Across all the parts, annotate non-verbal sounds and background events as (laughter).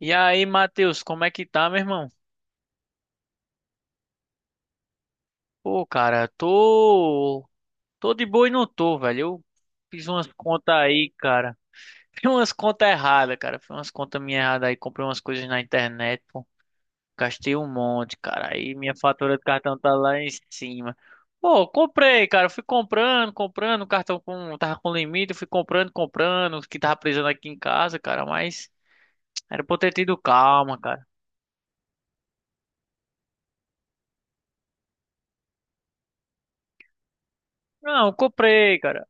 E aí, Matheus, como é que tá, meu irmão? Pô, cara, tô. Tô de boa e não tô, velho. Eu fiz umas contas aí, cara. (laughs) Fiz umas contas erradas, cara. Fiz umas contas minhas erradas aí. Comprei umas coisas na internet, pô. Gastei um monte, cara. Aí minha fatura do cartão tá lá em cima. Pô, comprei, cara. Fui comprando, comprando. O cartão tava com limite. Eu Fui comprando, comprando. O que tava precisando aqui em casa, cara. Mas era pra eu ter tido calma, cara. Não, comprei, cara.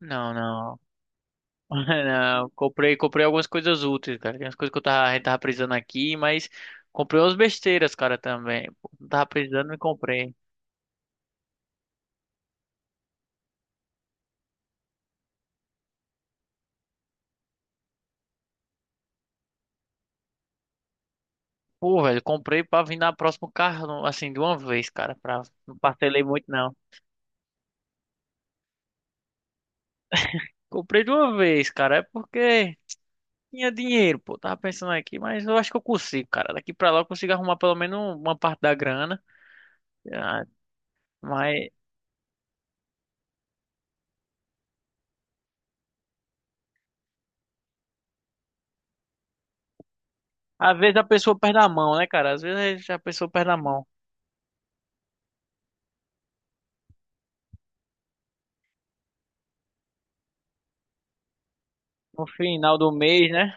Não, não. (laughs) Não, comprei algumas coisas úteis, cara. Tem umas coisas que a gente tava precisando aqui, mas comprei umas besteiras, cara, também. Pô, não tava precisando, me comprei. Pô, velho, comprei pra vir na próximo carro, assim, de uma vez, cara. Não parcelei muito, não. Comprei de uma vez, cara. É porque tinha dinheiro, pô. Tava pensando aqui, mas eu acho que eu consigo, cara. Daqui pra lá eu consigo arrumar pelo menos uma parte da grana. Ah, mas às vezes a pessoa perde a mão, né, cara? Às vezes a pessoa perde a mão. No final do mês, né?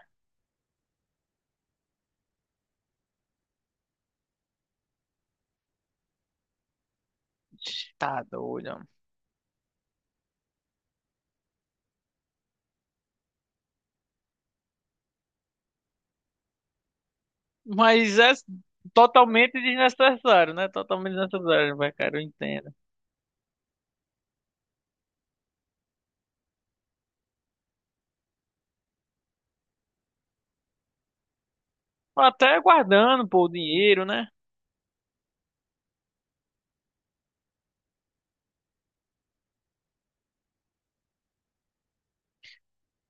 Tá doido. Mas é totalmente desnecessário, né? Totalmente desnecessário, vai, cara, eu entendo. Até guardando, pô, o dinheiro, né?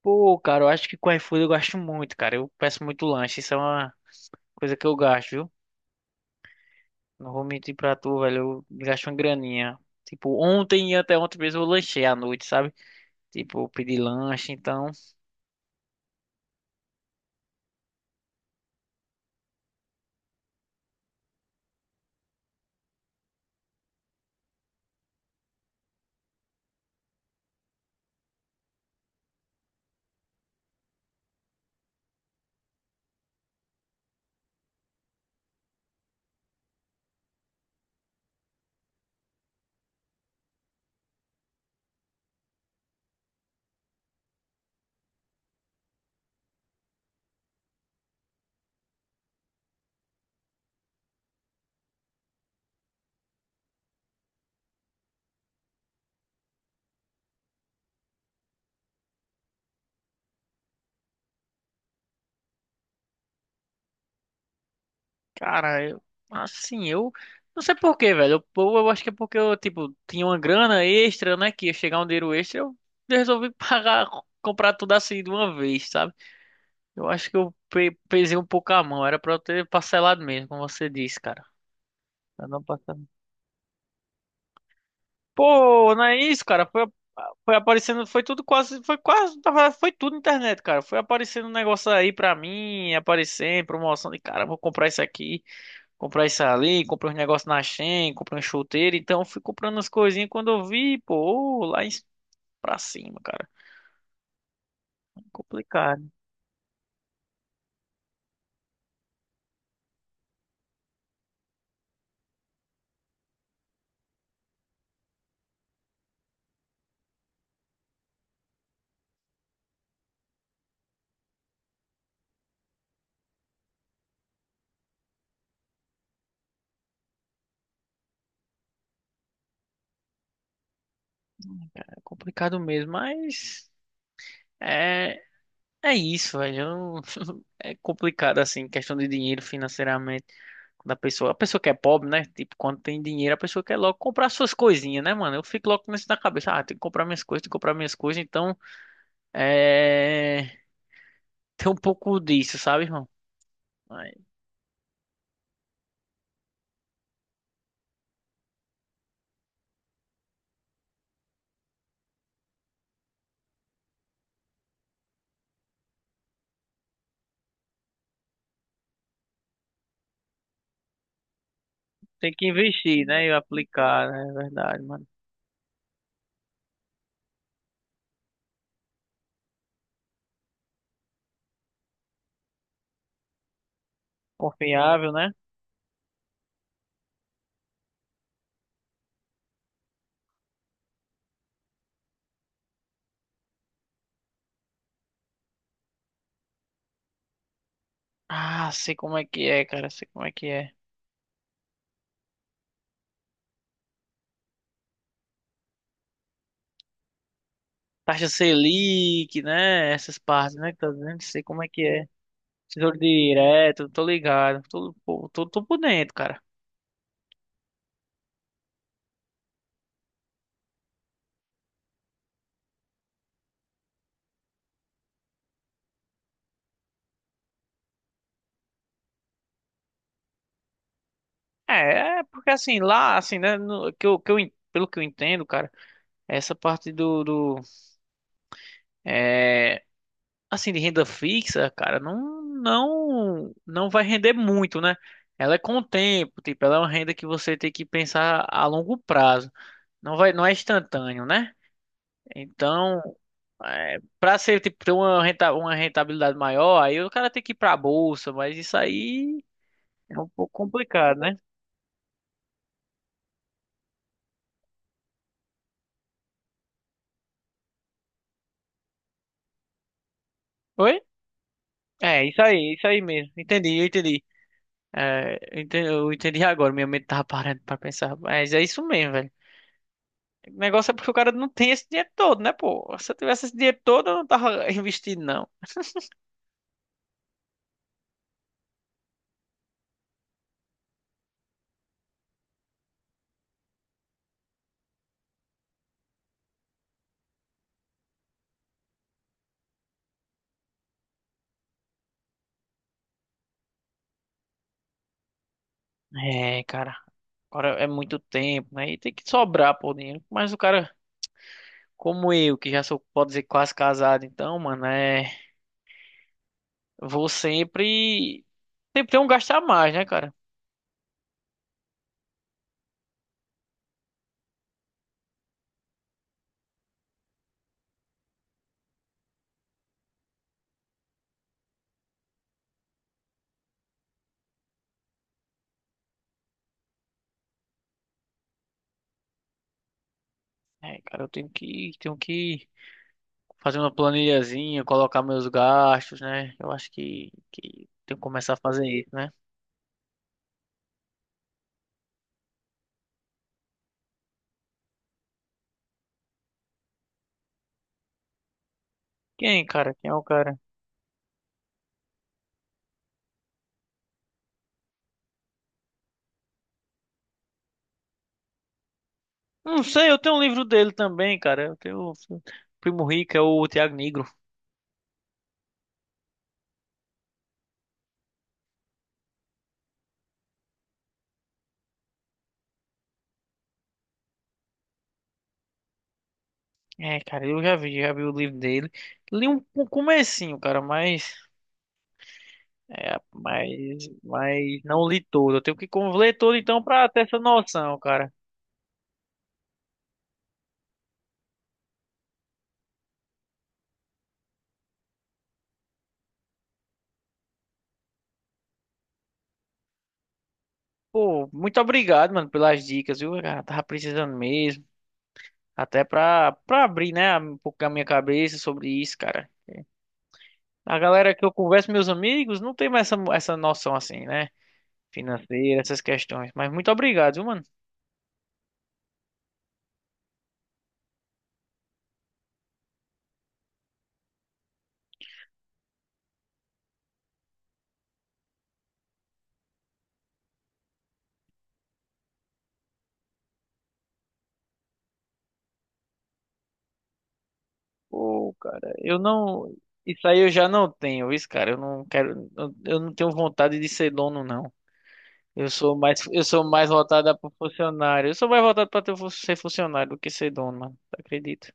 Pô, cara, eu acho que com iFood eu gasto muito, cara. Eu peço muito lanche, isso é uma coisa que eu gasto, viu? Não vou mentir pra tu, velho, eu gasto uma graninha. Tipo, ontem e até ontem mesmo eu lanchei à noite, sabe? Tipo, eu pedi lanche, então. Cara, eu, assim, eu não sei por quê, velho. Eu acho que é porque eu, tipo, tinha uma grana extra, né? Que ia chegar um dinheiro extra, eu resolvi (laughs) pagar, comprar tudo assim de uma vez, sabe? Eu acho que eu pesei um pouco a mão. Era pra eu ter parcelado mesmo, como você disse, cara. Pra não passar. Pô, não é isso, cara. Foi aparecendo, foi tudo quase, foi quase, na verdade, foi tudo internet, cara. Foi aparecendo um negócio aí pra mim, aparecendo, promoção de cara, vou comprar isso aqui. Comprar isso ali, comprei uns negócios na Shein, comprei um chuteiro, então eu fui comprando as coisinhas quando eu vi, pô, ô, lá em, pra cima, cara. É complicado, é complicado mesmo, mas é, é isso, velho. Eu não- (laughs) É complicado assim, questão de dinheiro financeiramente. Quando a pessoa que é pobre, né? Tipo, quando tem dinheiro, a pessoa quer logo comprar suas coisinhas, né, mano? Eu fico logo com isso na cabeça, ah, tem que comprar minhas coisas, tem que comprar minhas coisas, então é. (laughs) Tem um pouco disso, sabe, irmão? Tem que investir, né? E aplicar, né? É verdade, mano. Confiável, né? Ah, sei como é que é, cara. Sei como é que é. Taxa Selic, né? Essas partes, né? Que tá dizendo, sei como é que é. Tesouro direto, tô ligado. Tô por dentro, cara. É porque assim, lá, assim, né? Pelo que eu entendo, cara, essa parte do, é, assim, de renda fixa, cara, não, não, não vai render muito, né? Ela é com o tempo, tipo, ela é uma renda que você tem que pensar a longo prazo. Não vai, não é instantâneo, né? Então, para ser tipo ter uma rentabilidade maior, aí o cara tem que ir pra bolsa, mas isso aí é um pouco complicado, né? Oi? É, isso aí mesmo. Entendi, eu entendi. É, eu entendi agora, minha mente tava parando pra pensar. Mas é isso mesmo, velho. O negócio é porque o cara não tem esse dinheiro todo, né, pô? Se eu tivesse esse dinheiro todo, eu não tava (laughs) investindo, não. É, cara. Agora é muito tempo, né? E tem que sobrar, pô, dinheiro. Mas o cara, como eu, que já sou, pode dizer, quase casado, então, mano, é. Vou sempre. Sempre ter um gastar mais, né, cara? É, cara, eu tenho que fazer uma planilhazinha, colocar meus gastos, né? Eu acho que tenho que começar a fazer isso, né? Quem, cara? Quem é o cara? Não sei, eu tenho um livro dele também, cara. Eu tenho o Primo Rico, é o Thiago Negro. É, cara, eu já vi o livro dele. Li um comecinho, cara, mas não li todo. Eu tenho que ler todo então pra ter essa noção, cara. Pô, muito obrigado, mano, pelas dicas, viu? Cara, tava precisando mesmo. Até pra abrir, né, um pouco a minha cabeça sobre isso, cara. A galera que eu converso, meus amigos, não tem mais essa noção assim, né? Financeira, essas questões. Mas muito obrigado, viu, mano? Pô, cara, eu não. Isso aí eu já não tenho, isso, cara. Eu não quero. Eu não tenho vontade de ser dono, não. Eu sou mais voltado para funcionário. Eu sou mais voltado para ser funcionário do que ser dono, mano. Acredito.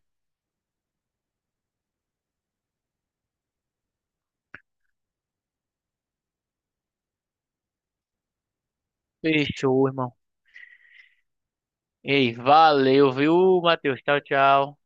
Fechou, irmão. Ei, valeu, viu, Matheus? Tchau, tchau.